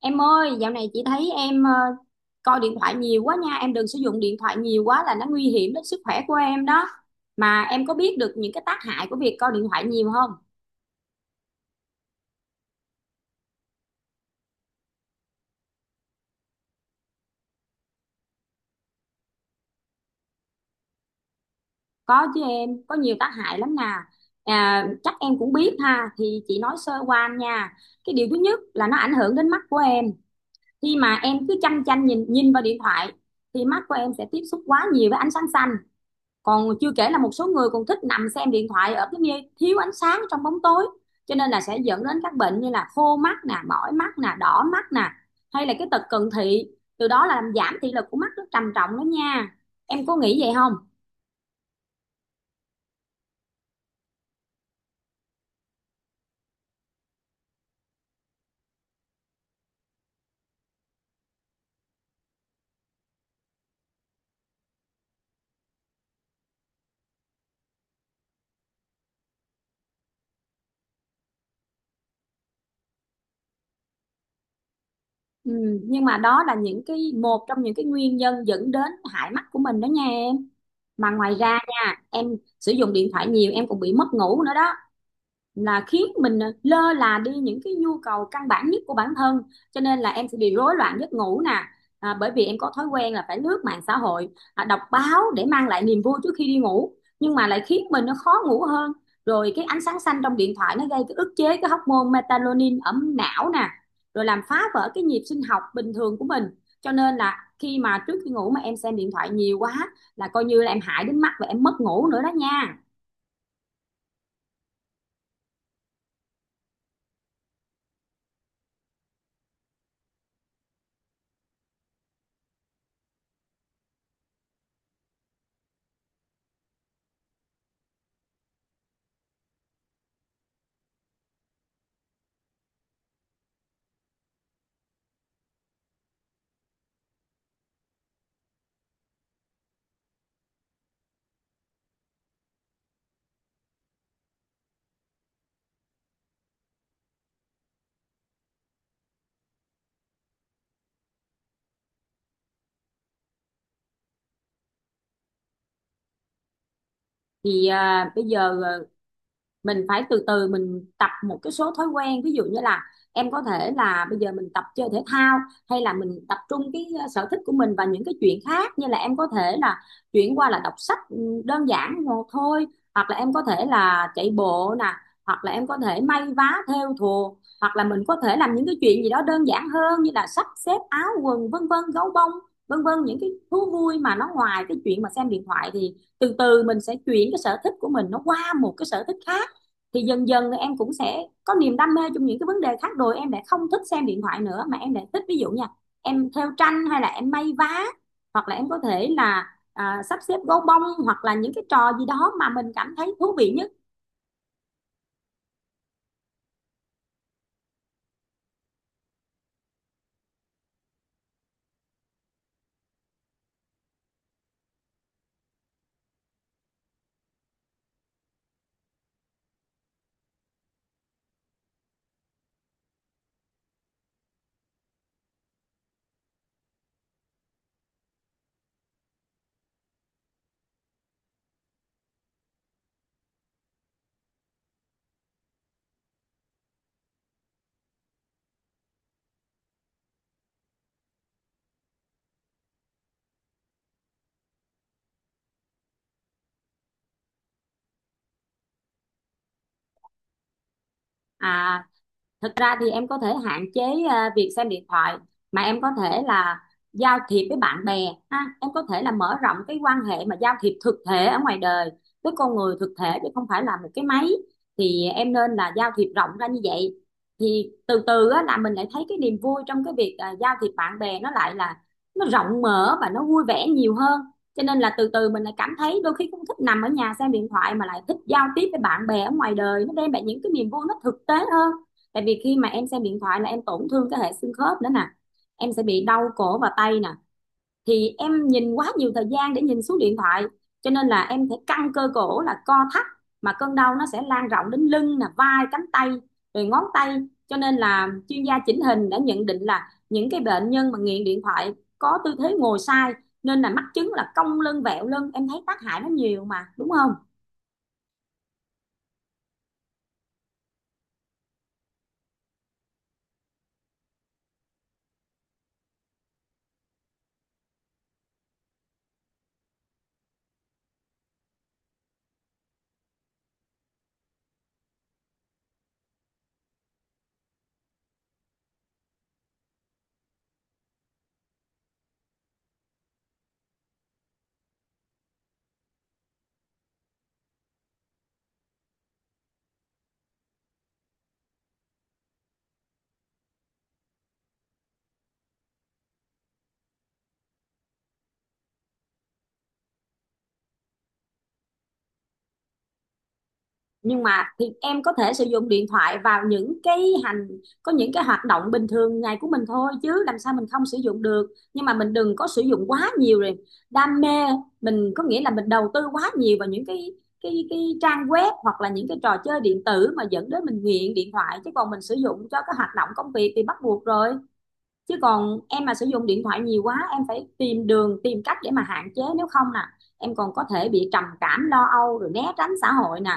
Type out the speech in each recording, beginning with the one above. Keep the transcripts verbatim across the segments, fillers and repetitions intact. Em ơi, dạo này chị thấy em ờ, coi điện thoại nhiều quá nha. Em đừng sử dụng điện thoại nhiều quá là nó nguy hiểm đến sức khỏe của em đó. Mà em có biết được những cái tác hại của việc coi điện thoại nhiều không? Có chứ em, có nhiều tác hại lắm nè. À, chắc em cũng biết ha, thì chị nói sơ qua nha. Cái điều thứ nhất là nó ảnh hưởng đến mắt của em. Khi mà em cứ chăm chăm nhìn nhìn vào điện thoại thì mắt của em sẽ tiếp xúc quá nhiều với ánh sáng xanh, còn chưa kể là một số người còn thích nằm xem điện thoại ở cái nơi thiếu ánh sáng, trong bóng tối, cho nên là sẽ dẫn đến các bệnh như là khô mắt nè, mỏi mắt nè, đỏ mắt nè, hay là cái tật cận thị, từ đó là làm giảm thị lực của mắt rất trầm trọng đó nha, em có nghĩ vậy không? Ừ, nhưng mà đó là những cái, một trong những cái nguyên nhân dẫn đến hại mắt của mình đó nha em. Mà ngoài ra nha, em sử dụng điện thoại nhiều em còn bị mất ngủ nữa đó, là khiến mình lơ là đi những cái nhu cầu căn bản nhất của bản thân, cho nên là em sẽ bị rối loạn giấc ngủ nè. À, bởi vì em có thói quen là phải lướt mạng xã hội, à, đọc báo để mang lại niềm vui trước khi đi ngủ, nhưng mà lại khiến mình nó khó ngủ hơn. Rồi cái ánh sáng xanh trong điện thoại nó gây cái ức chế cái hormone melatonin ở não nè, rồi làm phá vỡ cái nhịp sinh học bình thường của mình. Cho nên là khi mà trước khi ngủ mà em xem điện thoại nhiều quá là coi như là em hại đến mắt và em mất ngủ nữa đó nha. Thì à, bây giờ à, mình phải từ từ mình tập một cái số thói quen, ví dụ như là em có thể là bây giờ mình tập chơi thể thao, hay là mình tập trung cái uh, sở thích của mình và những cái chuyện khác, như là em có thể là chuyển qua là đọc sách, ừ, đơn giản một thôi, hoặc là em có thể là chạy bộ nè, hoặc là em có thể may vá thêu thùa, hoặc là mình có thể làm những cái chuyện gì đó đơn giản hơn như là sắp xếp áo quần vân vân, gấu bông vân vân, những cái thú vui mà nó ngoài cái chuyện mà xem điện thoại. Thì từ từ mình sẽ chuyển cái sở thích của mình nó qua một cái sở thích khác, thì dần dần em cũng sẽ có niềm đam mê trong những cái vấn đề khác, rồi em lại không thích xem điện thoại nữa mà em lại thích, ví dụ nha, em thêu tranh hay là em may vá, hoặc là em có thể là à, sắp xếp gấu bông, hoặc là những cái trò gì đó mà mình cảm thấy thú vị nhất. À, thực ra thì em có thể hạn chế à, việc xem điện thoại, mà em có thể là giao thiệp với bạn bè ha, em có thể là mở rộng cái quan hệ mà giao thiệp thực thể ở ngoài đời, với con người thực thể chứ không phải là một cái máy. Thì em nên là giao thiệp rộng ra như vậy, thì từ từ á, là mình lại thấy cái niềm vui trong cái việc à, giao thiệp bạn bè, nó lại là nó rộng mở và nó vui vẻ nhiều hơn. Cho nên là từ từ mình lại cảm thấy đôi khi cũng thích nằm ở nhà xem điện thoại, mà lại thích giao tiếp với bạn bè ở ngoài đời, nó đem lại những cái niềm vui nó thực tế hơn. Tại vì khi mà em xem điện thoại là em tổn thương cái hệ xương khớp nữa nè, em sẽ bị đau cổ và tay nè, thì em nhìn quá nhiều thời gian để nhìn xuống điện thoại, cho nên là em phải căng cơ cổ, là co thắt, mà cơn đau nó sẽ lan rộng đến lưng nè, vai, cánh tay, rồi ngón tay. Cho nên là chuyên gia chỉnh hình đã nhận định là những cái bệnh nhân mà nghiện điện thoại có tư thế ngồi sai, nên là mắc chứng là cong lưng vẹo lưng. Em thấy tác hại nó nhiều mà, đúng không? Nhưng mà thì em có thể sử dụng điện thoại vào những cái hành có những cái hoạt động bình thường ngày của mình thôi, chứ làm sao mình không sử dụng được. Nhưng mà mình đừng có sử dụng quá nhiều rồi đam mê, mình có nghĩa là mình đầu tư quá nhiều vào những cái cái cái trang web, hoặc là những cái trò chơi điện tử mà dẫn đến mình nghiện điện thoại, chứ còn mình sử dụng cho cái hoạt động công việc thì bắt buộc rồi. Chứ còn em mà sử dụng điện thoại nhiều quá, em phải tìm đường tìm cách để mà hạn chế, nếu không nè em còn có thể bị trầm cảm lo âu, rồi né tránh xã hội nè.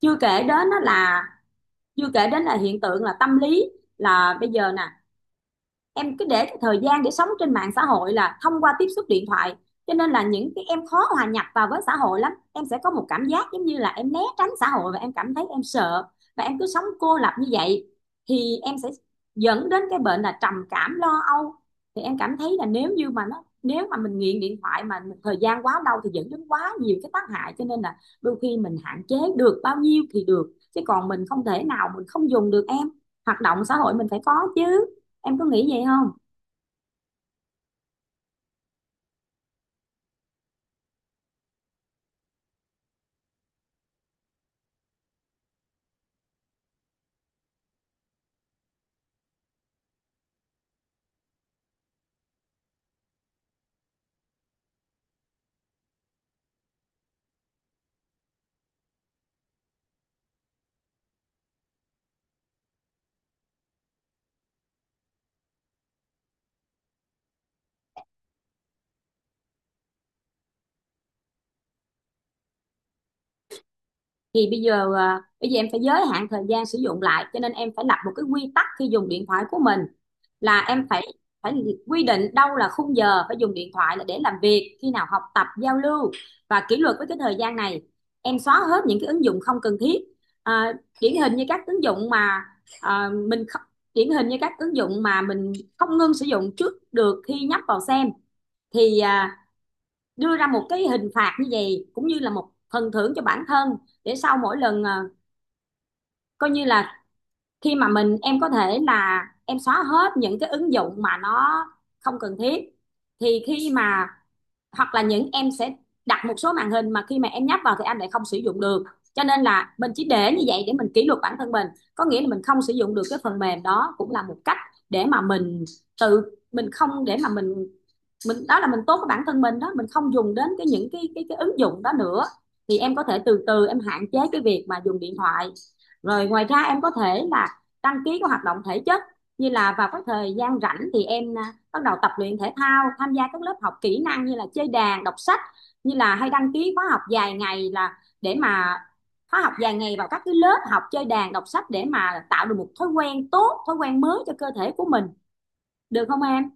Chưa kể đến á là, chưa kể đến là hiện tượng là tâm lý, là bây giờ nè, em cứ để cái thời gian để sống trên mạng xã hội là thông qua tiếp xúc điện thoại, cho nên là những cái em khó hòa nhập vào với xã hội lắm. Em sẽ có một cảm giác giống như là em né tránh xã hội, và em cảm thấy em sợ, và em cứ sống cô lập như vậy, thì em sẽ dẫn đến cái bệnh là trầm cảm lo âu. Thì em cảm thấy là nếu như mà nó, nếu mà mình nghiện điện thoại mà thời gian quá lâu thì dẫn đến quá nhiều cái tác hại, cho nên là đôi khi mình hạn chế được bao nhiêu thì được, chứ còn mình không thể nào mình không dùng được em. Hoạt động xã hội mình phải có chứ, em có nghĩ vậy không? Thì bây giờ à, bây giờ em phải giới hạn thời gian sử dụng lại, cho nên em phải lập một cái quy tắc khi dùng điện thoại của mình, là em phải, phải quy định đâu là khung giờ phải dùng điện thoại là để làm việc, khi nào học tập, giao lưu, và kỷ luật với cái thời gian này. Em xóa hết những cái ứng dụng không cần thiết. à, Điển hình như các ứng dụng mà, à, mình không, điển hình như các ứng dụng mà mình không ngưng sử dụng trước được khi nhấp vào xem, thì à, đưa ra một cái hình phạt như vậy cũng như là một phần thưởng cho bản thân, để sau mỗi lần à, coi như là khi mà mình, em có thể là em xóa hết những cái ứng dụng mà nó không cần thiết. Thì khi mà, hoặc là những em sẽ đặt một số màn hình mà khi mà em nhấp vào thì anh lại không sử dụng được, cho nên là mình chỉ để như vậy để mình kỷ luật bản thân mình, có nghĩa là mình không sử dụng được cái phần mềm đó, cũng là một cách để mà mình tự, mình không để mà mình mình đó là mình tốt với bản thân mình đó, mình không dùng đến cái những cái cái cái ứng dụng đó nữa. Thì em có thể từ từ em hạn chế cái việc mà dùng điện thoại. Rồi ngoài ra em có thể là đăng ký các hoạt động thể chất, như là vào các thời gian rảnh thì em à, bắt đầu tập luyện thể thao, tham gia các lớp học kỹ năng như là chơi đàn, đọc sách, như là hay đăng ký khóa học dài ngày là để mà, khóa học dài ngày vào các cái lớp học chơi đàn đọc sách, để mà tạo được một thói quen tốt, thói quen mới cho cơ thể của mình, được không em?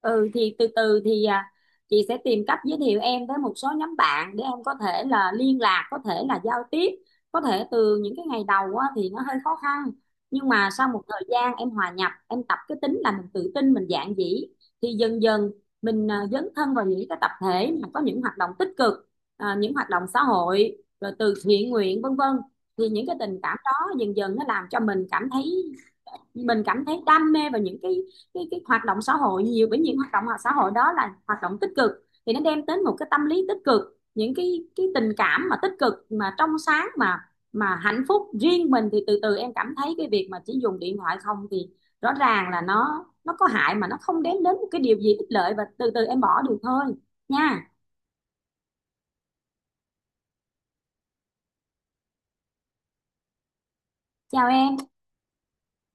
Ừ, thì từ từ thì à, chị sẽ tìm cách giới thiệu em tới một số nhóm bạn để em có thể là liên lạc, có thể là giao tiếp. Có thể từ những cái ngày đầu á, thì nó hơi khó khăn, nhưng mà sau một thời gian em hòa nhập, em tập cái tính là mình tự tin, mình dạn dĩ, thì dần dần mình à, dấn thân vào những cái tập thể mà có những hoạt động tích cực, à, những hoạt động xã hội, rồi từ thiện nguyện vân vân, thì những cái tình cảm đó dần dần nó làm cho mình cảm thấy, mình cảm thấy đam mê vào những cái cái cái hoạt động xã hội nhiều, bởi những hoạt động xã hội đó là hoạt động tích cực, thì nó đem đến một cái tâm lý tích cực, những cái cái tình cảm mà tích cực mà trong sáng mà mà hạnh phúc riêng mình, thì từ từ em cảm thấy cái việc mà chỉ dùng điện thoại không thì rõ ràng là nó nó có hại, mà nó không đem đến một cái điều gì ích lợi, và từ từ em bỏ được thôi nha. Chào em.